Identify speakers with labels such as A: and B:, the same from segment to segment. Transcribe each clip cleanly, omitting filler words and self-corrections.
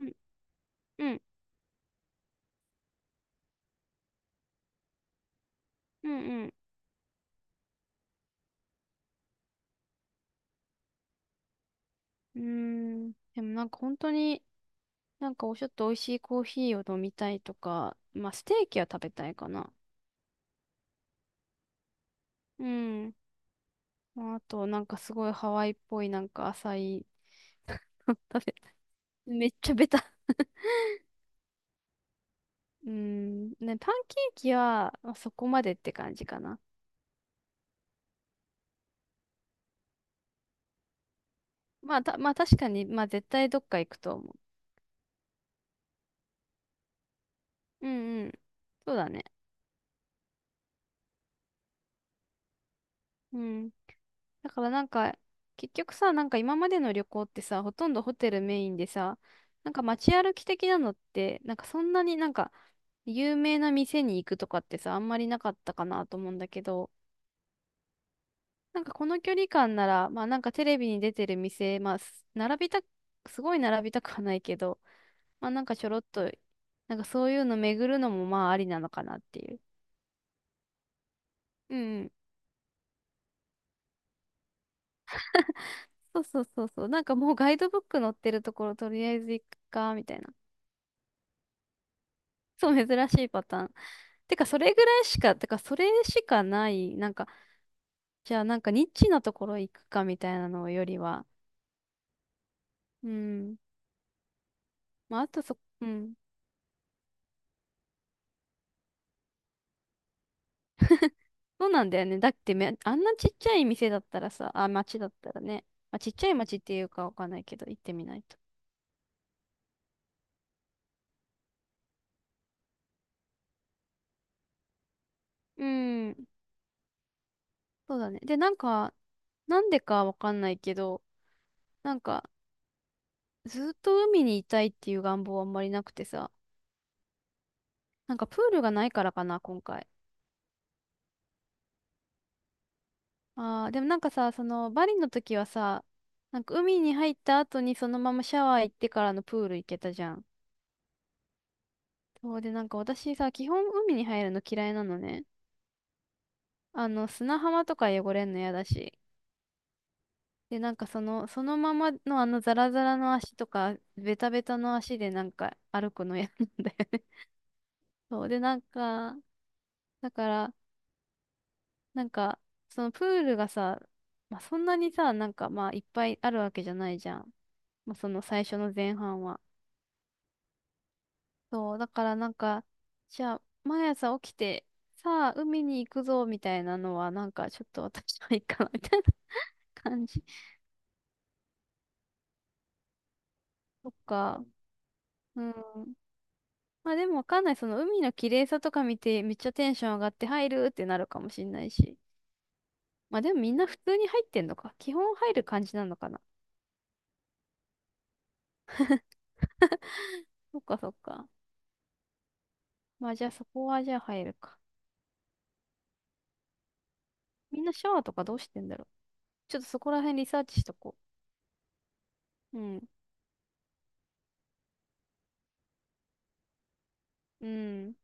A: うんうんうんうん。うーん。でもなんか本当になんかちょっと美味しいコーヒーを飲みたいとか、まあステーキは食べたいかな。うん。まあ、あとなんかすごいハワイっぽいなんか浅い 食べたい。めっちゃベタ。うん。ね、パンケーキは、まあ、そこまでって感じかな。まあた、まあ確かに、まあ絶対どっか行くと思う。うんうん。そうだね。うん。だからなんか、結局さ、なんか今までの旅行ってさ、ほとんどホテルメインでさ、なんか街歩き的なのって、なんかそんなになんか有名な店に行くとかってさ、あんまりなかったかなと思うんだけど、なんかこの距離感なら、まあなんかテレビに出てる店、すごい並びたくはないけど、まあなんかちょろっと、なんかそういうの巡るのもまあありなのかなっていう。うんうん。そうそうそうそう。なんかもうガイドブック載ってるところとりあえず行くか、みたいな。そう、珍しいパターン。てか、それぐらいしか、てか、それしかない、なんか、じゃあ、なんか、ニッチなところ行くかみたいなのよりは、うん。まあ、あとうん。そうなんだよね。だってあんなちっちゃい店だったらさ、あ、町だったらね、まあ、ちっちゃい町っていうかわかんないけど、行ってみないと。うん。そうだね。で、なんか、なんでかわかんないけど、なんか、ずっと海にいたいっていう願望はあんまりなくてさ、なんかプールがないからかな、今回。ああ、でもなんかさ、その、バリの時はさ、なんか海に入った後にそのままシャワー行ってからのプール行けたじゃん。そうで、なんか私さ、基本海に入るの嫌いなのね。あの、砂浜とか汚れんの嫌だし。で、なんかその、そのままのあのザラザラの足とか、ベタベタの足でなんか歩くの嫌なんだよね。そうで、なんか、だから、なんか、そのプールがさ、まあ、そんなにさ、なんかまあいっぱいあるわけじゃないじゃん。まあ、その最初の前半は。そう、だからなんか、じゃあ、毎朝起きて、さあ、海に行くぞ、みたいなのは、なんか、ちょっと私はいいかな、みたいな感じ。そっか。うん。まあでもわかんない。その海の綺麗さとか見て、めっちゃテンション上がって入るってなるかもしんないし。まあでもみんな普通に入ってんのか。基本入る感じなのかな。そっかそっか。まあじゃあそこはじゃあ入るか。みんなシャワーとかどうしてんだろう。ちょっとそこら辺リサーチしとこう。うん。うん。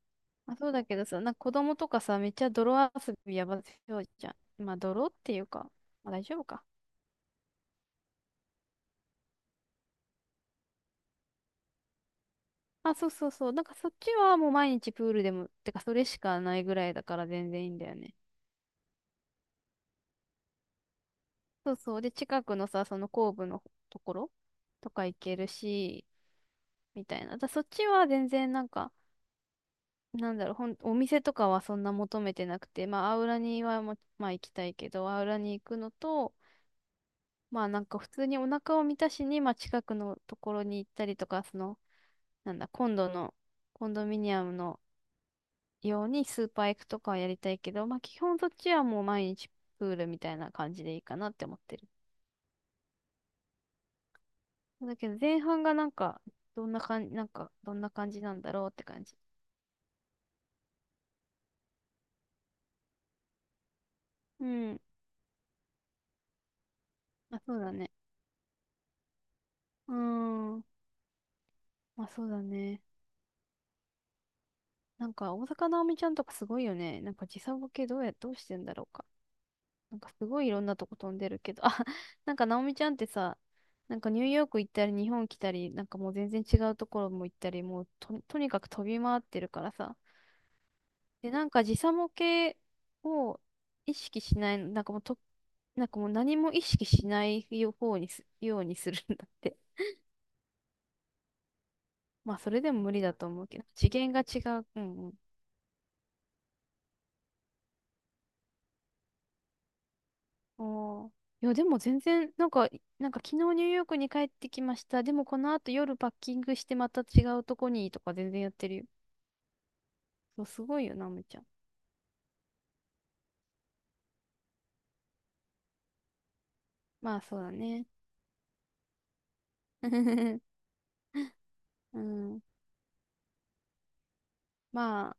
A: まあ、そうだけどさ、なんか子供とかさ、めっちゃ泥遊びやばそうじゃん。まあ、泥っていうか、まあ、大丈夫か。あ、そうそうそう。なんかそっちはもう毎日プールでも、てかそれしかないぐらいだから全然いいんだよね。そうそう。で、近くのさ、その後部のところとか行けるし、みたいな。そっちは全然なんか、なんだろう、お店とかはそんな求めてなくて、まあ、アウラにはもう、まあ行きたいけど、アウラに行くのと、まあなんか普通にお腹を満たしに、まあ近くのところに行ったりとか、その、なんだ、今度のコンドミニアムのようにスーパー行くとかはやりたいけど、まあ基本そっちはもう毎日プールみたいな感じでいいかなって思ってる。だけど前半がなんか、どんな感じ、なんか、どんな感じなんだろうって感じ。うん。あ、そうだね。うーん。まあそうだね。なんか、大坂なおみちゃんとかすごいよね。なんか時差ボケどうしてんだろうか。なんかすごいいろんなとこ飛んでるけど、あ、なんかナオミちゃんってさ、なんかニューヨーク行ったり日本来たり、なんかもう全然違うところも行ったり、もうと、とにかく飛び回ってるからさ。で、なんか時差ボケを意識しないの、なんかもうと、なんかもう何も意識しないようにするんだって。まあそれでも無理だと思うけど、次元が違う。うんうん。あーいや、でも全然、なんか、なんか昨日ニューヨークに帰ってきました。でもこの後夜パッキングしてまた違うとこにとか全然やってるよ。そう、すごいよな、むちゃん。まあそうだね。うん。まあ、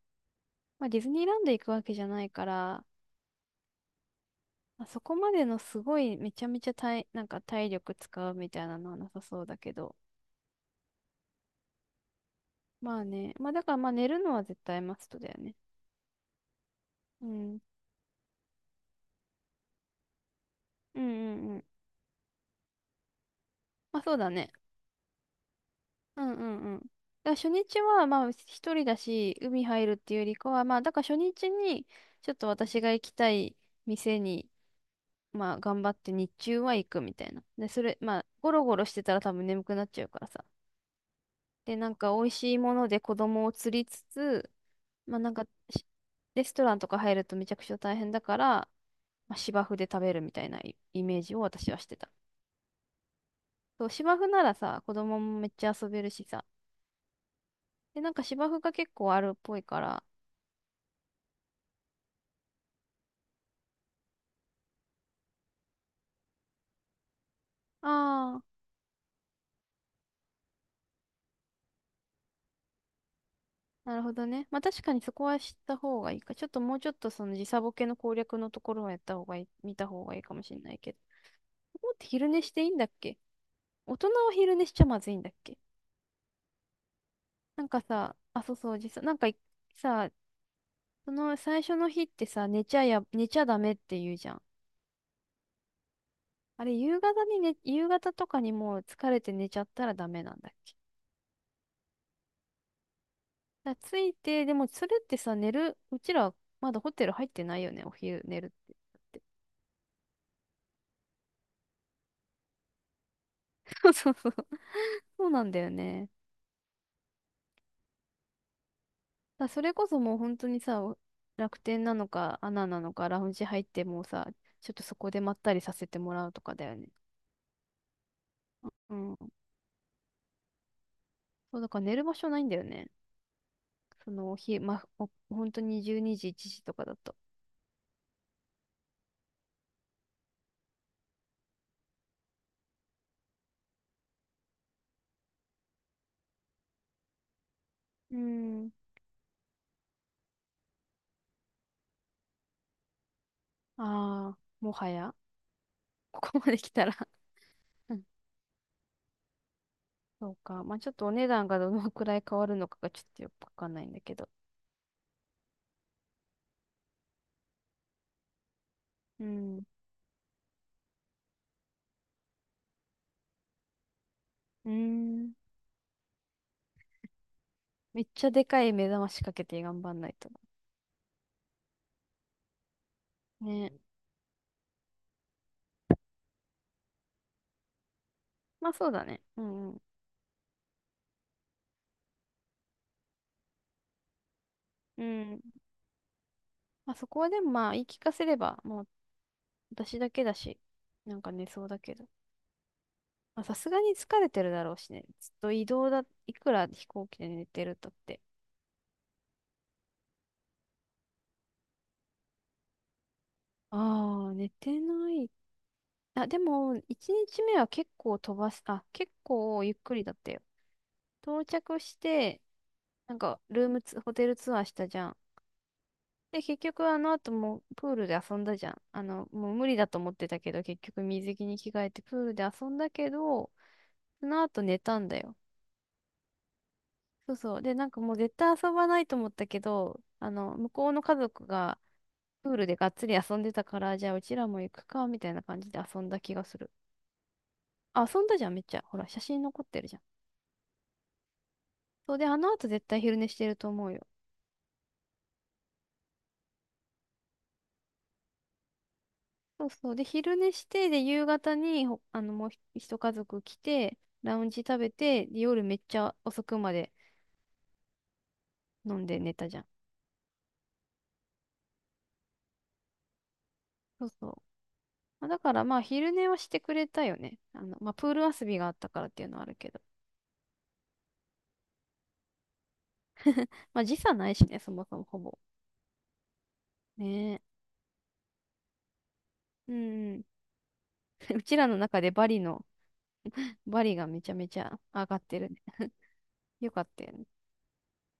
A: まあディズニーランド行くわけじゃないから、まあそこまでのすごいめちゃめちゃなんか体力使うみたいなのはなさそうだけど。まあね。まあだからまあ寝るのは絶対マストだよね。うん。うんうんうん。まあそうだね。うんうんうん。だから初日はまあ一人だし、海入るっていうよりかは、まあだから初日にちょっと私が行きたい店に、まあ頑張って日中は行くみたいな。で、それ、まあゴロゴロしてたら多分眠くなっちゃうからさ。で、なんか美味しいもので子供を釣りつつ、まあなんかレストランとか入るとめちゃくちゃ大変だから、まあ、芝生で食べるみたいなイイメージを私はしてた。そう、芝生ならさ、子供もめっちゃ遊べるしさ。で、なんか芝生が結構あるっぽいから、ああ、なるほどね。まあ確かにそこは知った方がいいか。ちょっともうちょっとその時差ボケの攻略のところはやった方がいい、見た方がいいかもしれないけど。もって昼寝していいんだっけ。大人は昼寝しちゃまずいんだっけ。なんかさ、あ、そうそう、時差、なんかさ、その最初の日ってさ、寝ちゃダメって言うじゃん。あれ、夕方にね、夕方とかにもう疲れて寝ちゃったらダメなんだっけ。だからついて、でもそれってさ、うちらまだホテル入ってないよね、お昼寝るって。そうそうそう。そうなんだよね。それこそもう本当にさ、楽天なのか、アナなのか、ラウンジ入ってもうさ、ちょっとそこでまったりさせてもらうとかだよね。うん。そう、だから寝る場所ないんだよね。その、ひ、ま、お、本当に12時、1時とかだと。うん。ああ、もはや、ここまで来たら うん。そうか。まあ、ちょっとお値段がどのくらい変わるのかがちょっとよくわかんないんだけど。うん。うーん。めっちゃでかい目覚ましかけて頑張んないと。ね。まあ、そうだね。うんうん。うん。まあ、そこはでもまあ、言い聞かせれば、もう私だけだし、なんか寝そうだけど。まあ、さすがに疲れてるだろうしね。ずっと移動だ、いくら飛行機で寝てるとって。ああ、寝てない。あ、でも、1日目は結構飛ばす、あ、結構ゆっくりだったよ。到着して、なんか、ルームツ、ホテルツアーしたじゃん。で、結局あの後もプールで遊んだじゃん。あの、もう無理だと思ってたけど、結局水着に着替えてプールで遊んだけど、その後寝たんだよ。そうそう。で、なんかもう絶対遊ばないと思ったけど、あの、向こうの家族がプールでがっつり遊んでたから、じゃあうちらも行くか、みたいな感じで遊んだ気がする。あ、遊んだじゃん、めっちゃ。ほら、写真残ってるじゃん。そうで、あの後絶対昼寝してると思うよ。そうそう。で、昼寝して、で、夕方にあの、もう一家族来て、ラウンジ食べて、で、夜めっちゃ遅くまで飲んで寝たじゃん。そうそう。まあだからまあ、昼寝はしてくれたよね。あの、まあ、プール遊びがあったからっていうのはあるけど。まあ、時差ないしね、そもそもほぼ。ねえ。うんうん。うちらの中でバリの、バリがめちゃめちゃ上がってるね。よかったよね。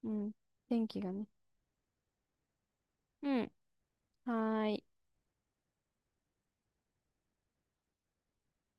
A: うん。天気がね。うん。はーい。